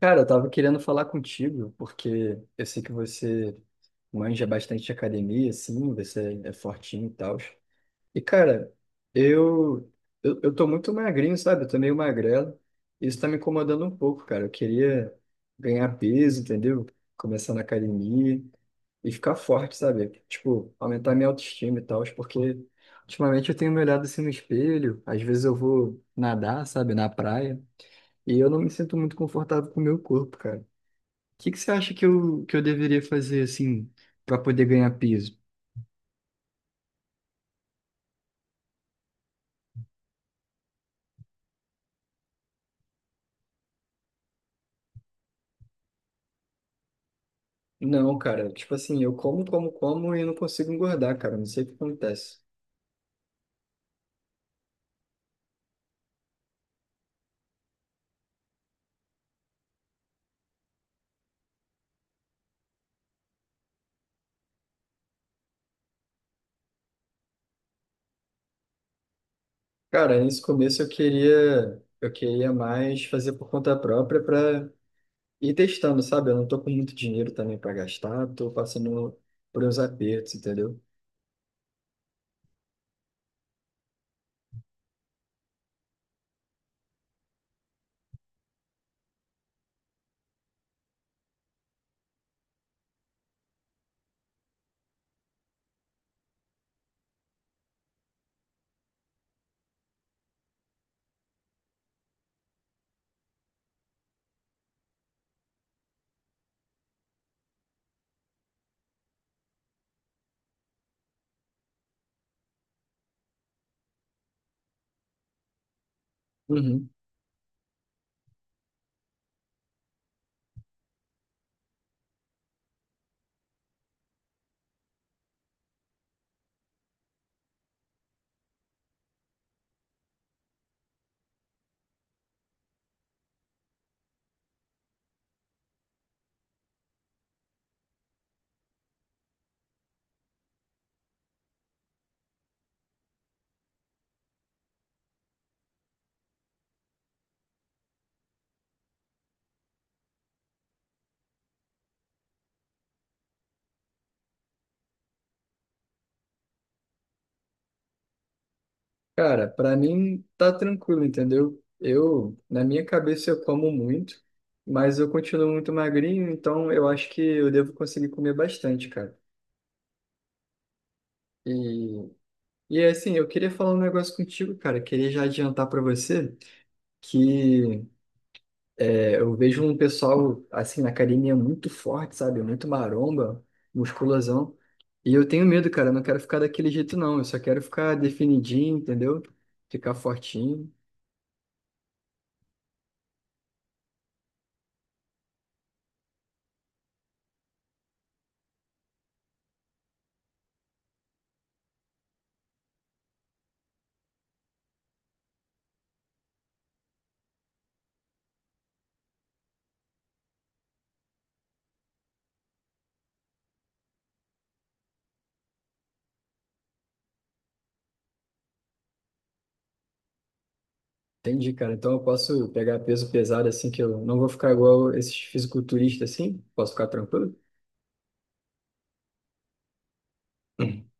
Cara, eu tava querendo falar contigo, porque eu sei que você manja bastante de academia, assim, você é fortinho e tal. E, cara, eu, eu tô muito magrinho, sabe? Eu tô meio magrelo. Isso tá me incomodando um pouco, cara. Eu queria ganhar peso, entendeu? Começar na academia e ficar forte, sabe? Tipo, aumentar minha autoestima e tal, porque ultimamente eu tenho me olhado assim no espelho, às vezes eu vou nadar, sabe, na praia, e eu não me sinto muito confortável com o meu corpo, cara. O que que você acha que eu deveria fazer, assim, para poder ganhar peso? Não, cara, tipo assim, eu como, como, como e não consigo engordar, cara, não sei o que acontece. Cara, nesse começo eu queria mais fazer por conta própria para e testando, sabe? Eu não tô com muito dinheiro também para gastar, tô passando por uns apertos, entendeu? Uhum. Cara, para mim tá tranquilo, entendeu? Eu, na minha cabeça, eu como muito, mas eu continuo muito magrinho, então eu acho que eu devo conseguir comer bastante, cara. E, e assim, eu queria falar um negócio contigo, cara. Queria já adiantar para você que é, eu vejo um pessoal, assim, na academia muito forte, sabe? Muito maromba, musculosão. E eu tenho medo, cara. Eu não quero ficar daquele jeito, não. Eu só quero ficar definidinho, entendeu? Ficar fortinho. Entendi, cara. Então eu posso pegar peso pesado, assim, que eu não vou ficar igual esses fisiculturistas, assim. Posso ficar tranquilo. Hum.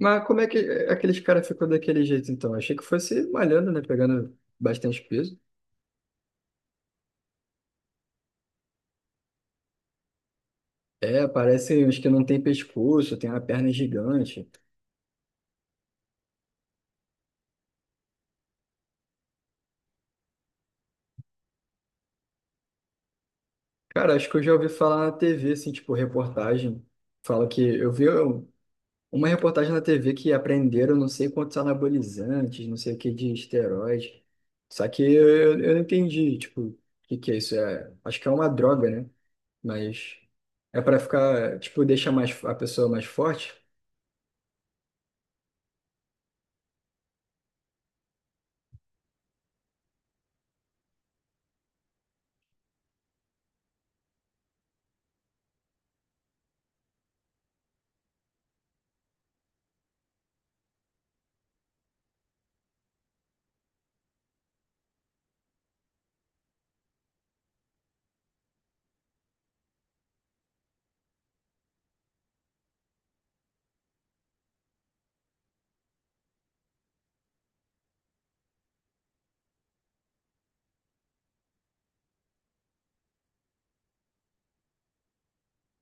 Mas como é que é, aqueles caras ficam daquele jeito, então? Achei que fosse malhando, né? Pegando bastante peso. É, parece uns que não tem pescoço, tem uma perna gigante. Cara, acho que eu já ouvi falar na TV, assim, tipo, reportagem. Fala que eu vi um- Uma reportagem na TV que apreenderam não sei quantos anabolizantes, não sei o que de esteroide. Só que eu não entendi, tipo, o que que é isso? É, acho que é uma droga, né? Mas é para ficar, tipo, deixa mais a pessoa mais forte?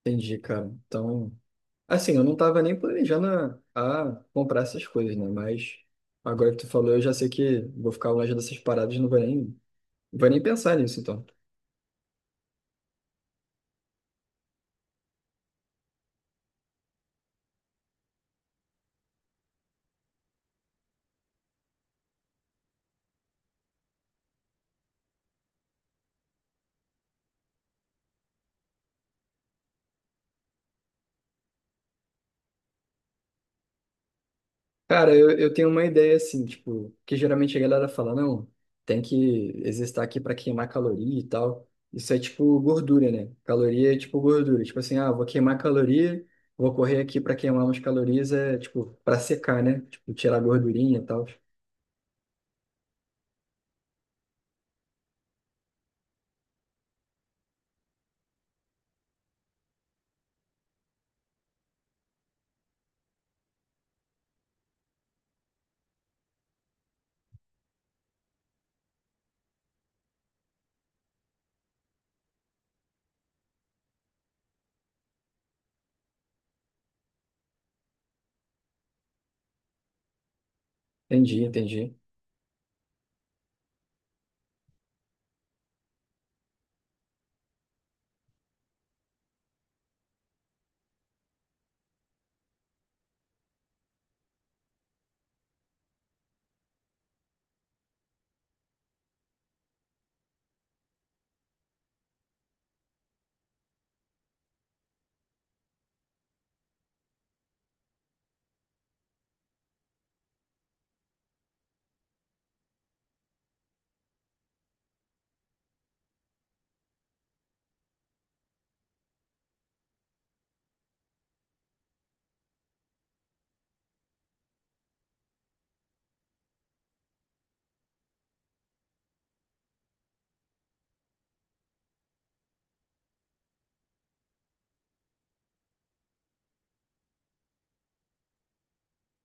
Entendi, cara. Então, assim, eu não tava nem planejando a comprar essas coisas, né? Mas agora que tu falou, eu já sei que vou ficar longe dessas paradas, não vou nem. Não vai nem pensar nisso, então. Cara, eu tenho uma ideia assim, tipo, que geralmente a galera fala, não, tem que exercitar aqui para queimar caloria e tal. Isso é tipo gordura, né? Caloria é tipo gordura. Tipo assim, ah, vou queimar caloria, vou correr aqui para queimar umas calorias, é tipo, para secar, né? Tipo, tirar a gordurinha e tal. Entendi, entendi.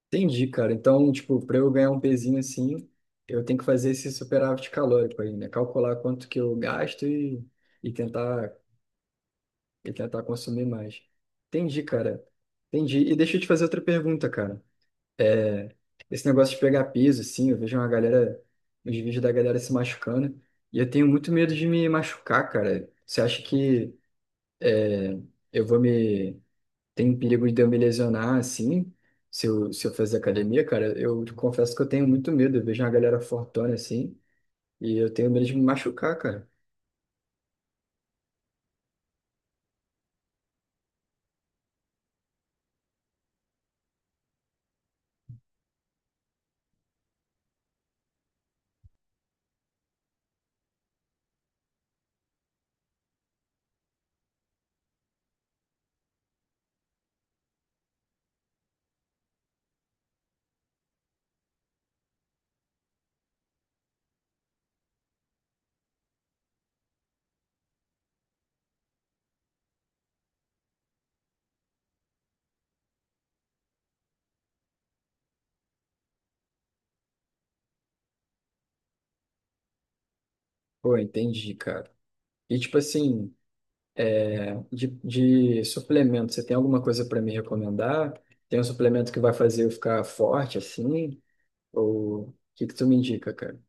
Entendi, cara. Então, tipo, para eu ganhar um pezinho assim, eu tenho que fazer esse superávit calórico aí, né? Calcular quanto que eu gasto e, e tentar e tentar consumir mais. Entendi, cara. Entendi. E deixa eu te fazer outra pergunta, cara. É, esse negócio de pegar peso, assim, eu vejo uma galera, os vídeos da galera se machucando, e eu tenho muito medo de me machucar, cara. Você acha que é, eu vou me... Tem perigo de eu me lesionar, assim, se eu fazer academia, cara? Eu confesso que eu tenho muito medo. Eu vejo uma galera fortona, assim, e eu tenho medo de me machucar, cara. Pô, entendi, cara. E, tipo assim... de suplemento, você tem alguma coisa para me recomendar? Tem um suplemento que vai fazer eu ficar forte assim? Ou o que que tu me indica, cara?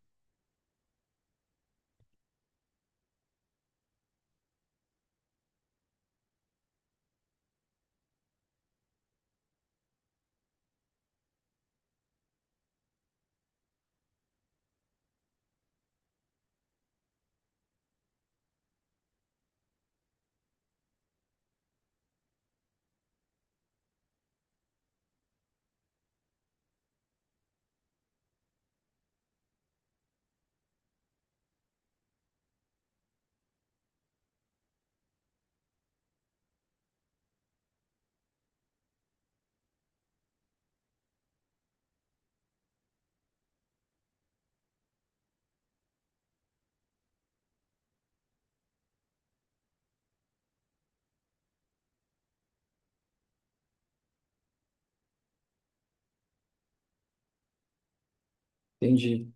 Entendi.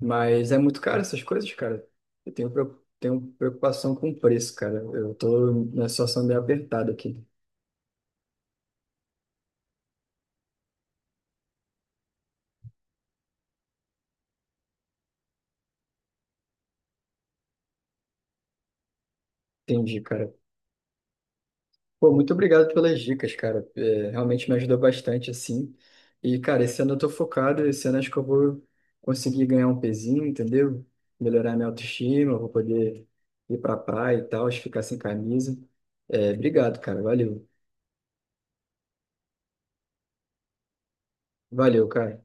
Mas é muito caro essas coisas, cara. Tenho preocupação com o preço, cara. Eu tô na situação meio apertada aqui. Entendi, cara. Pô, muito obrigado pelas dicas, cara. É, realmente me ajudou bastante, assim. E, cara, esse ano eu tô focado, esse ano acho que eu vou conseguir ganhar um pezinho, entendeu? Melhorar minha autoestima, eu vou poder ir pra praia e tal, acho que ficar sem camisa. É, obrigado, cara. Valeu. Valeu, cara.